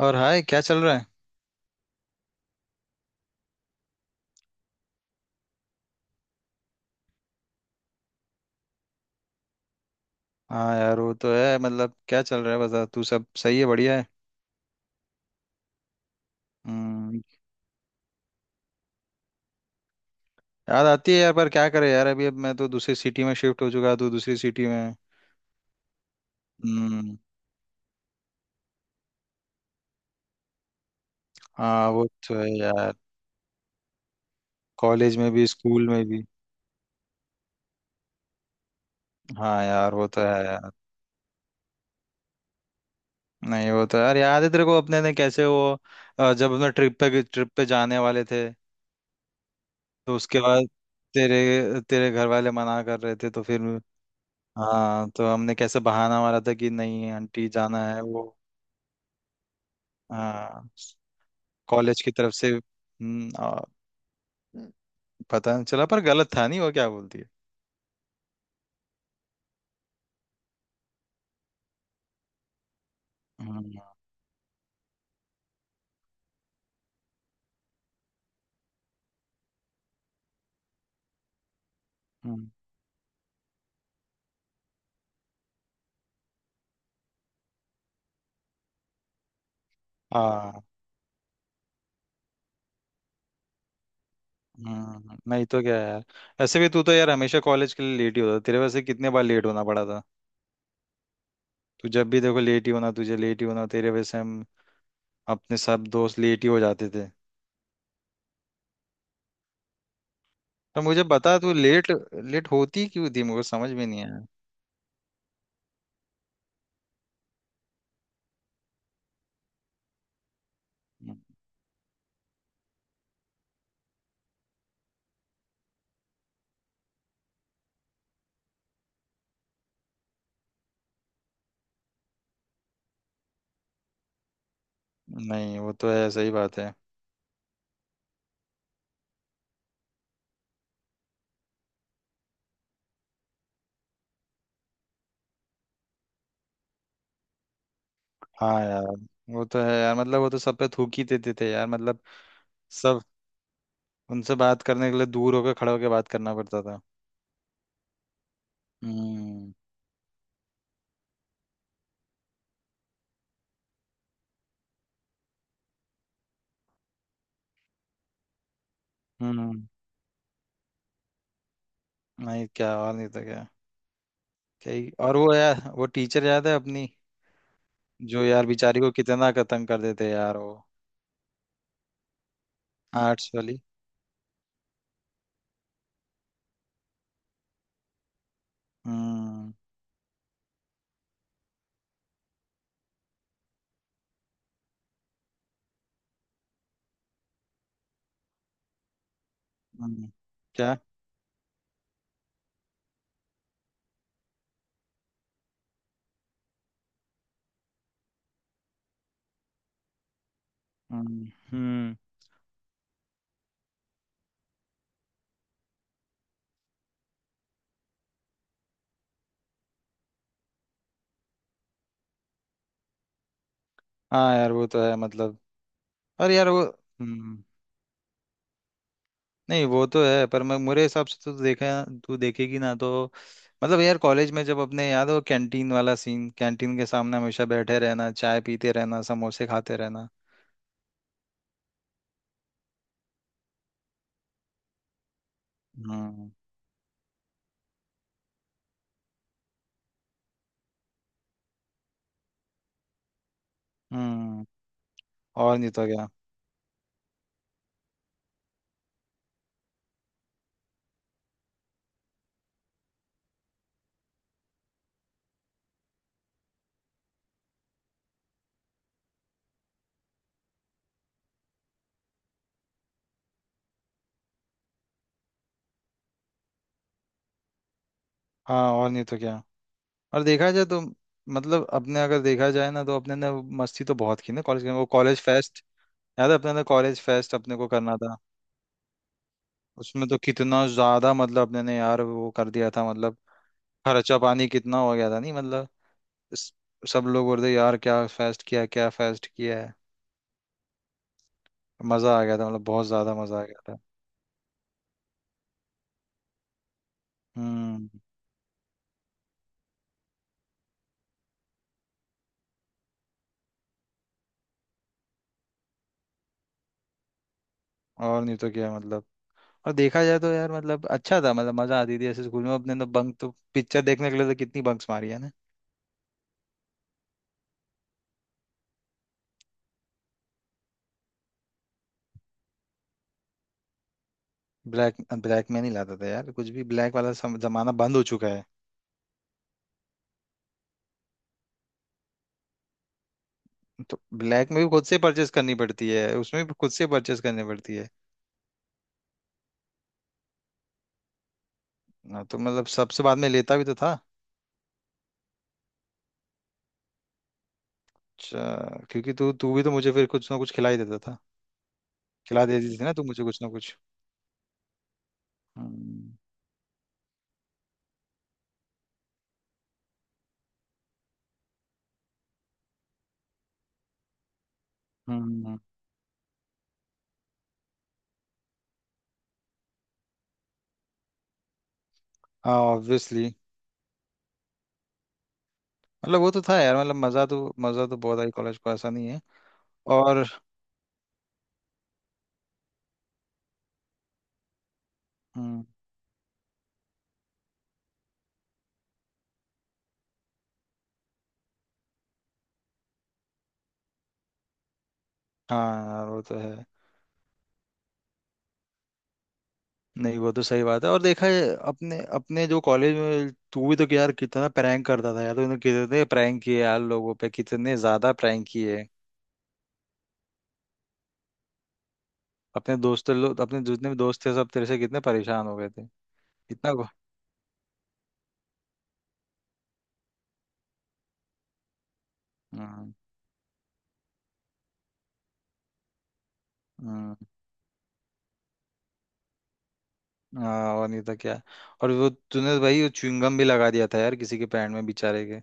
और हाय, क्या चल रहा है? हाँ यार, वो तो है। मतलब क्या चल रहा है, बता। तू सब सही है? बढ़िया है। हम्म। याद आती है यार, पर क्या करे यार। अभी अब मैं तो दूसरी सिटी में शिफ्ट हो चुका, तू दूसरी सिटी में है। हम्म। हाँ वो तो है यार, कॉलेज में भी स्कूल में भी। हाँ यार, वो तो है यार। नहीं वो तो यार, याद है तेरे को अपने ने कैसे वो जब अपने ट्रिप पे जाने वाले थे। तो उसके बाद तेरे तेरे घर वाले मना कर रहे थे, तो फिर हाँ, तो हमने कैसे बहाना मारा था कि नहीं आंटी, जाना है वो। हाँ। कॉलेज की तरफ से। पता नहीं चला, पर गलत था नहीं, वो क्या बोलती है। हम्म। हम्म। हाँ। हम्म। नहीं तो क्या यार। ऐसे भी तू तो यार हमेशा कॉलेज के लिए लेट ही होता, तेरे वजह से कितने बार लेट होना पड़ा था। तू जब भी देखो लेट ही होना, तुझे लेट ही होना, तेरे वजह से हम, अपने सब दोस्त लेट ही हो जाते थे। तो मुझे बता, तू लेट लेट होती क्यों थी, मुझे समझ में नहीं आया। नहीं वो तो है, सही बात है। हाँ यार वो तो है यार, मतलब वो तो सब पे थूक ही देते थे यार, मतलब सब। उनसे बात करने के लिए दूर होकर, खड़े होकर बात करना पड़ता था। हम्म। हम्म। नहीं, क्या और नहीं था क्या? क्या ही, और वो यार वो टीचर याद है अपनी, जो यार बेचारी को कितना तंग कर देते यार वो, आर्ट्स वाली। हम्म। हम्म। क्या? हम्म, हम्म। हाँ यार वो तो है, मतलब। और यार वो, हम्म, नहीं वो तो है, पर मैं मेरे हिसाब से तो देखा, तू देखेगी ना तो, मतलब यार कॉलेज में जब अपने, याद हो कैंटीन वाला सीन, कैंटीन के सामने हमेशा बैठे रहना, चाय पीते रहना, समोसे खाते रहना। हम्म। हम्म। और नहीं तो क्या। हाँ, और नहीं तो क्या। और देखा जाए तो, मतलब अपने अगर देखा जाए ना, तो अपने ने मस्ती तो बहुत की ना कॉलेज में, वो कॉलेज फेस्ट, याद है अपने ने कॉलेज फेस्ट अपने को करना था। उसमें तो कितना ज्यादा, मतलब अपने ने यार वो कर दिया था, मतलब खर्चा पानी कितना हो गया था, नहीं मतलब इस- सब लोग बोल रहे यार क्या फेस्ट किया, क्या फेस्ट किया है। मजा आ गया था, मतलब बहुत ज्यादा मजा आ गया था। हम्म। और नहीं तो क्या मतलब, और देखा जाए तो यार, मतलब अच्छा था, मतलब मजा आती थी ऐसे स्कूल में। अपने तो बंक तो पिक्चर देखने के लिए तो कितनी बंक्स मारी है ना। ब्लैक ब्लैक में नहीं लाता था यार, कुछ भी ब्लैक वाला जमाना बंद हो चुका है। तो ब्लैक में भी खुद से परचेस करनी पड़ती है, उसमें भी खुद से परचेस करनी पड़ती है। हाँ, तो मतलब सबसे बाद में लेता भी तो था। अच्छा, क्योंकि तू तू भी तो मुझे फिर कुछ ना कुछ खिला ही देता था, खिला देती थी ना तू मुझे कुछ ना कुछ। हम्म। हम्म। हाँ ऑब्वियसली। मतलब वो तो था यार, मतलब मजा तो बहुत आई कॉलेज को, ऐसा नहीं है। और हम्म, हाँ यार वो तो है। नहीं वो तो सही बात है, और देखा है अपने अपने जो कॉलेज में, तू भी तो कि यार कितना प्रैंक करता था यार, तूने कितने प्रैंक किए यार, लोगों पे कितने ज्यादा प्रैंक किए। अपने दोस्त लोग, अपने जितने भी दोस्त थे, सब तेरे से कितने परेशान हो गए थे। इतना हम्म। हम्म। हाँ, और नहीं तो क्या। और वो तूने तो भाई वो च्युइंगम भी लगा दिया था यार किसी के पैंट में बेचारे के,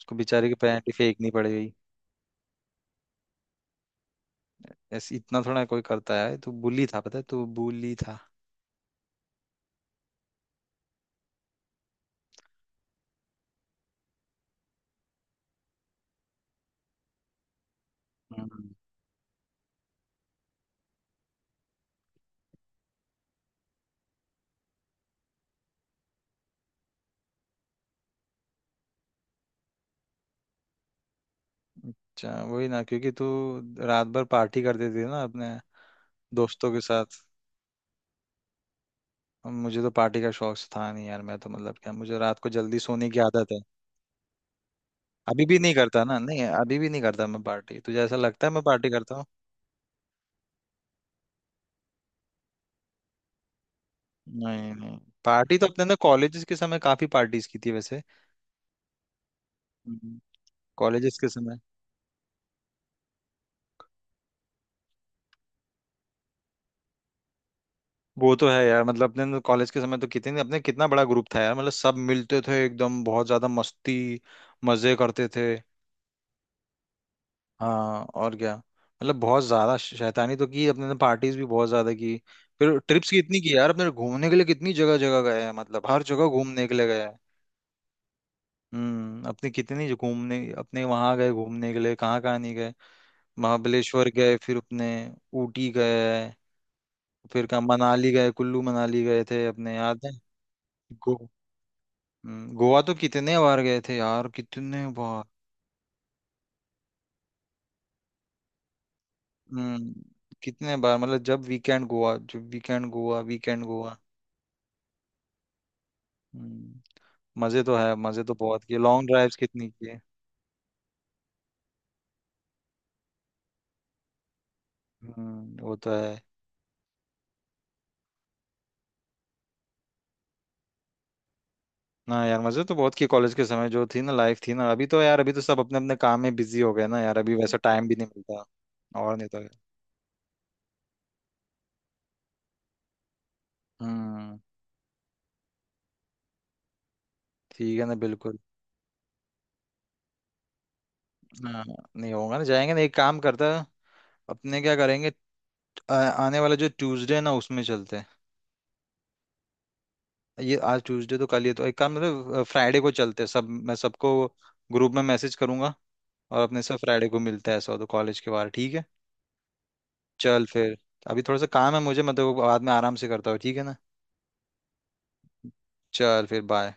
उसको बेचारे की पैंट ही फेंकनी पड़ गई। ऐसे इतना थोड़ा कोई करता है, तू bully था, पता है तू bully था। अच्छा वही ना, क्योंकि तू रात भर पार्टी कर देती थी ना अपने दोस्तों के साथ। अब मुझे तो पार्टी का शौक था नहीं यार, मैं तो, मतलब क्या, मुझे रात को जल्दी सोने की आदत है। अभी भी नहीं करता ना, नहीं अभी भी नहीं करता मैं पार्टी, तुझे ऐसा लगता है मैं पार्टी करता हूँ? नहीं, नहीं। पार्टी तो अपने ना कॉलेजेस के समय काफी पार्टीज की थी वैसे, कॉलेजेस के समय। वो तो है यार, मतलब अपने कॉलेज के समय तो कितने अपने कितना बड़ा ग्रुप था यार, मतलब सब मिलते थे एकदम, बहुत ज्यादा मस्ती मजे करते थे। हाँ और क्या, मतलब बहुत ज्यादा शैतानी तो की अपने ने, पार्टीज भी बहुत ज्यादा की। फिर ट्रिप्स कितनी की यार अपने घूमने के लिए, कितनी जगह जगह गए हैं, मतलब हर जगह घूमने के लिए गए हैं। हम्म। अपने कितनी जो घूमने अपने वहां गए, घूमने के लिए कहाँ कहाँ नहीं गए। महाबलेश्वर गए, फिर अपने ऊटी गए, फिर कहाँ मनाली गए, कुल्लू मनाली गए थे अपने, याद है। गो गोवा तो कितने बार गए थे यार, कितने बार। हम्म। कितने बार, मतलब जब वीकेंड गोवा, जब वीकेंड गोवा, वीकेंड गोवा। हम्म। मजे तो है, मजे तो बहुत किए, लॉन्ग ड्राइव्स कितनी की है। हम्म, वो तो है। ना यार मजे तो बहुत किए कॉलेज के समय, जो थी ना लाइफ थी ना, अभी तो यार, अभी तो सब अपने अपने काम में बिजी हो गए ना यार, अभी वैसा टाइम भी नहीं मिलता। और नहीं तो है। हम्म। ठीक है ना बिल्कुल। हाँ। नहीं होगा ना, जाएंगे ना, एक काम करता है, अपने क्या करेंगे, आने वाला जो ट्यूसडे है ना उसमें चलते हैं। ये आज ट्यूसडे तो कल, ये तो एक काम, मतलब फ्राइडे को चलते हैं सब, मैं सबको ग्रुप में मैसेज करूंगा और अपने सब फ्राइडे को मिलता है, ऐसा हो तो, कॉलेज के बाहर, ठीक है। चल फिर, अभी थोड़ा सा काम है मुझे, मैं तो बाद में आराम से करता हूँ, ठीक है ना। चल फिर बाय।